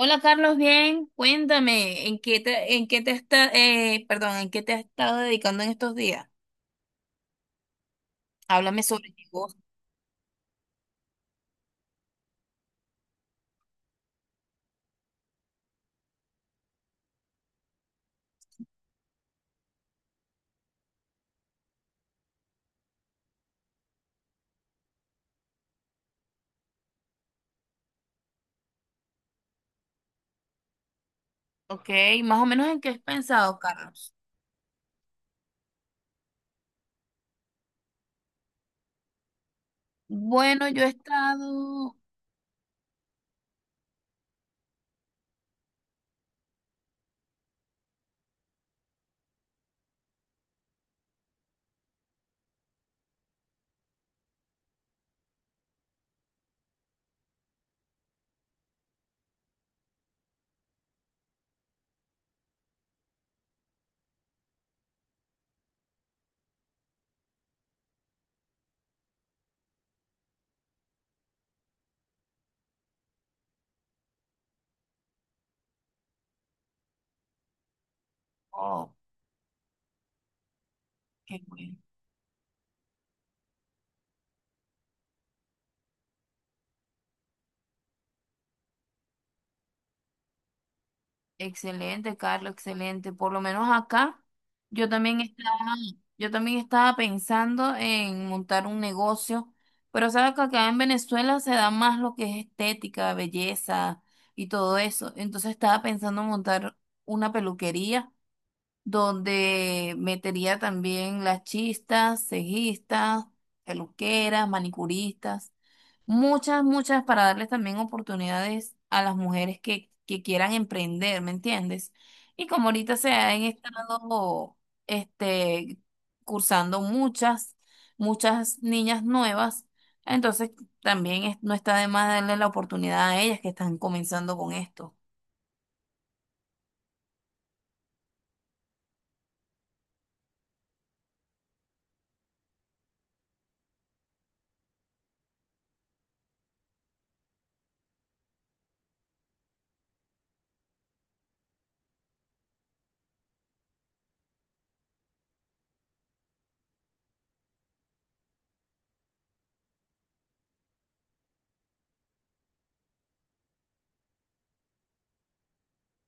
Hola Carlos, bien, cuéntame, ¿en qué te, en qué te has estado dedicando en estos días? Háblame sobre ti vos. Ok, más o menos en qué has pensado, Carlos. Bueno, yo he estado, oh, qué bueno. Excelente, Carlos, excelente. Por lo menos acá, yo también estaba, yo también estaba pensando en montar un negocio, pero sabes que acá en Venezuela se da más lo que es estética, belleza y todo eso. Entonces estaba pensando en montar una peluquería donde metería también las chistas, cejistas, peluqueras, manicuristas, muchas, muchas para darles también oportunidades a las mujeres que quieran emprender, ¿me entiendes? Y como ahorita se han estado este, cursando muchas, muchas niñas nuevas, entonces también no está de más darle la oportunidad a ellas que están comenzando con esto.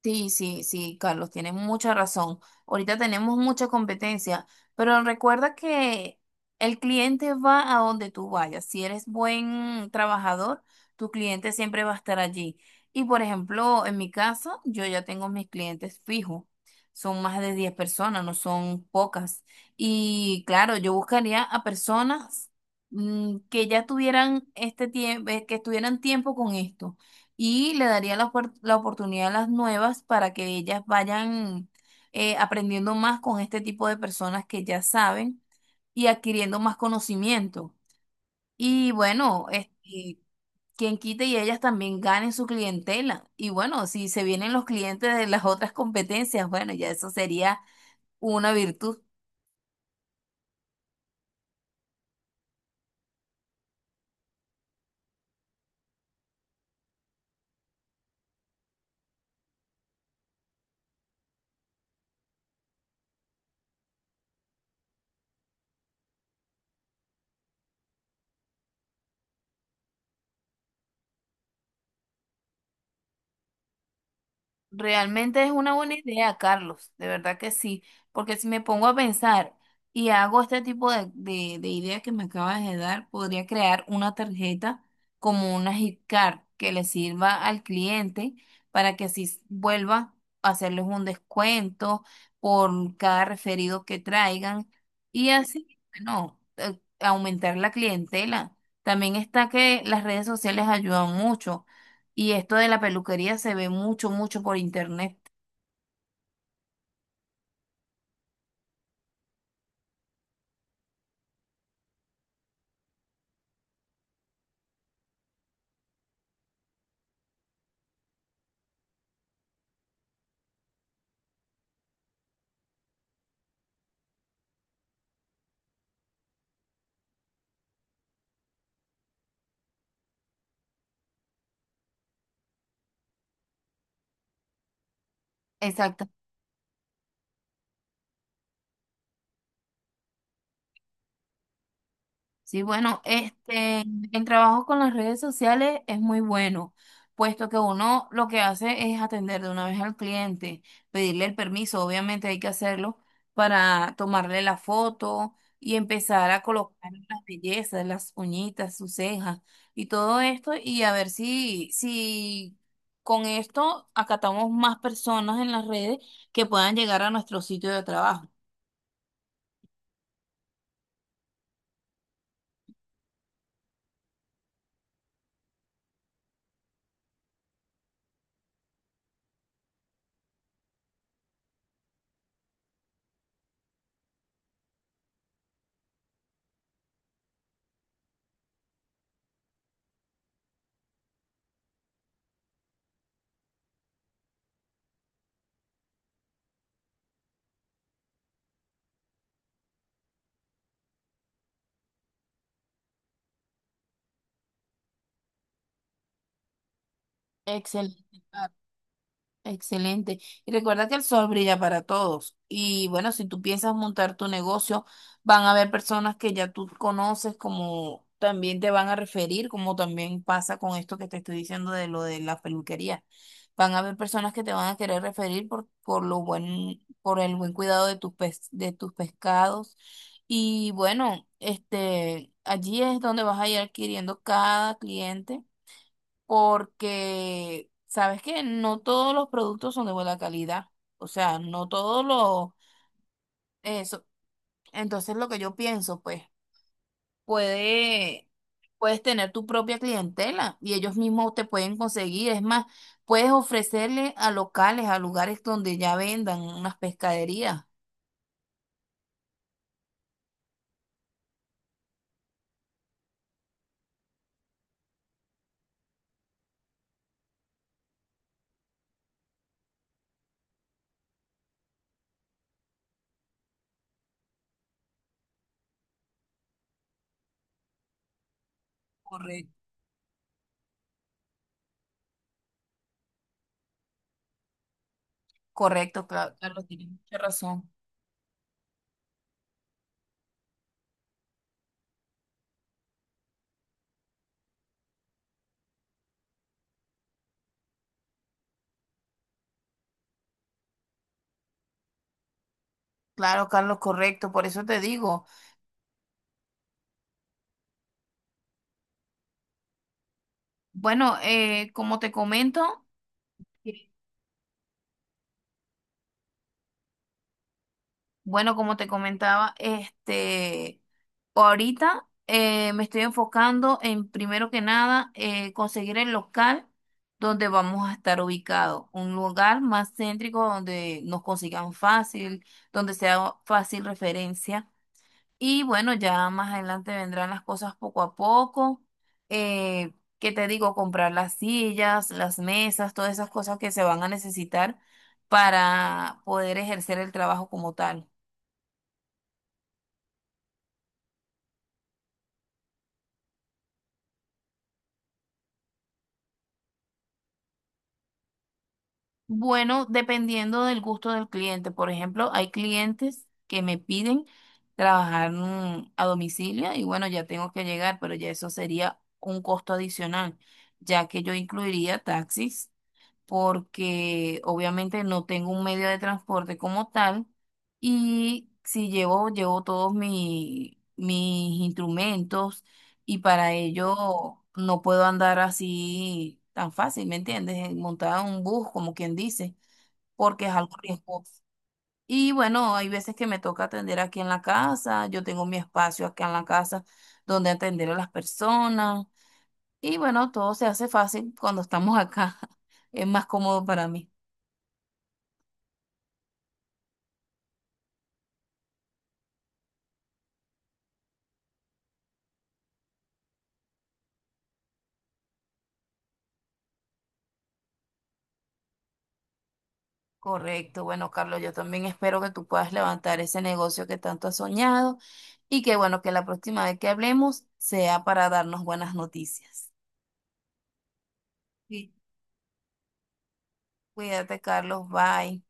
Sí, sí, sí, Carlos, tienes mucha razón. Ahorita tenemos mucha competencia, pero recuerda que el cliente va a donde tú vayas. Si eres buen trabajador, tu cliente siempre va a estar allí. Y por ejemplo, en mi caso, yo ya tengo mis clientes fijos. Son más de 10 personas, no son pocas. Y claro, yo buscaría a personas que ya tuvieran este tiempo, que estuvieran tiempo con esto y le daría la oportunidad a las nuevas para que ellas vayan aprendiendo más con este tipo de personas que ya saben y adquiriendo más conocimiento. Y bueno, este, quien quite y ellas también ganen su clientela. Y bueno, si se vienen los clientes de las otras competencias, bueno, ya eso sería una virtud. Realmente es una buena idea, Carlos, de verdad que sí, porque si me pongo a pensar y hago este tipo de ideas que me acabas de dar, podría crear una tarjeta como una gift card que le sirva al cliente para que así vuelva a hacerles un descuento por cada referido que traigan y así, bueno, aumentar la clientela. También está que las redes sociales ayudan mucho y esto de la peluquería se ve mucho, mucho por internet. Exacto. Sí, bueno, este, el trabajo con las redes sociales es muy bueno, puesto que uno lo que hace es atender de una vez al cliente, pedirle el permiso, obviamente hay que hacerlo para tomarle la foto y empezar a colocar las bellezas, las uñitas, sus cejas y todo esto y a ver si con esto acatamos más personas en las redes que puedan llegar a nuestro sitio de trabajo. Excelente, claro, excelente. Y recuerda que el sol brilla para todos. Y bueno, si tú piensas montar tu negocio, van a haber personas que ya tú conoces, como también te van a referir, como también pasa con esto que te estoy diciendo de lo de la peluquería. Van a haber personas que te van a querer referir por por el buen cuidado de de tus pescados. Y bueno, este, allí es donde vas a ir adquiriendo cada cliente porque sabes que no todos los productos son de buena calidad, o sea, no todos los eso. Entonces lo que yo pienso, pues, puede, puedes tener tu propia clientela y ellos mismos te pueden conseguir. Es más, puedes ofrecerle a locales, a lugares donde ya vendan unas pescaderías. Correcto. Correcto, Carlos, tienes mucha razón. Claro, Carlos, correcto, por eso te digo. Bueno, eh, como te comento, Bueno, como te comentaba, este, ahorita me estoy enfocando en, primero que nada, conseguir el local donde vamos a estar ubicados. Un lugar más céntrico donde nos consigan fácil, donde sea fácil referencia. Y bueno, ya más adelante vendrán las cosas poco a poco. Eh, ¿Qué te digo? Comprar las sillas, las mesas, todas esas cosas que se van a necesitar para poder ejercer el trabajo como tal. Bueno, dependiendo del gusto del cliente. Por ejemplo, hay clientes que me piden trabajar a domicilio y bueno, ya tengo que llegar, pero ya eso sería un costo adicional, ya que yo incluiría taxis porque obviamente no tengo un medio de transporte como tal y si llevo todos mis instrumentos y para ello no puedo andar así tan fácil, ¿me entiendes? Montada en un bus, como quien dice, porque es algo riesgoso. Y bueno, hay veces que me toca atender aquí en la casa, yo tengo mi espacio acá en la casa donde atender a las personas y bueno, todo se hace fácil cuando estamos acá, es más cómodo para mí. Correcto. Bueno, Carlos, yo también espero que tú puedas levantar ese negocio que tanto has soñado y que bueno, que la próxima vez que hablemos sea para darnos buenas noticias. Sí. Cuídate, Carlos. Bye.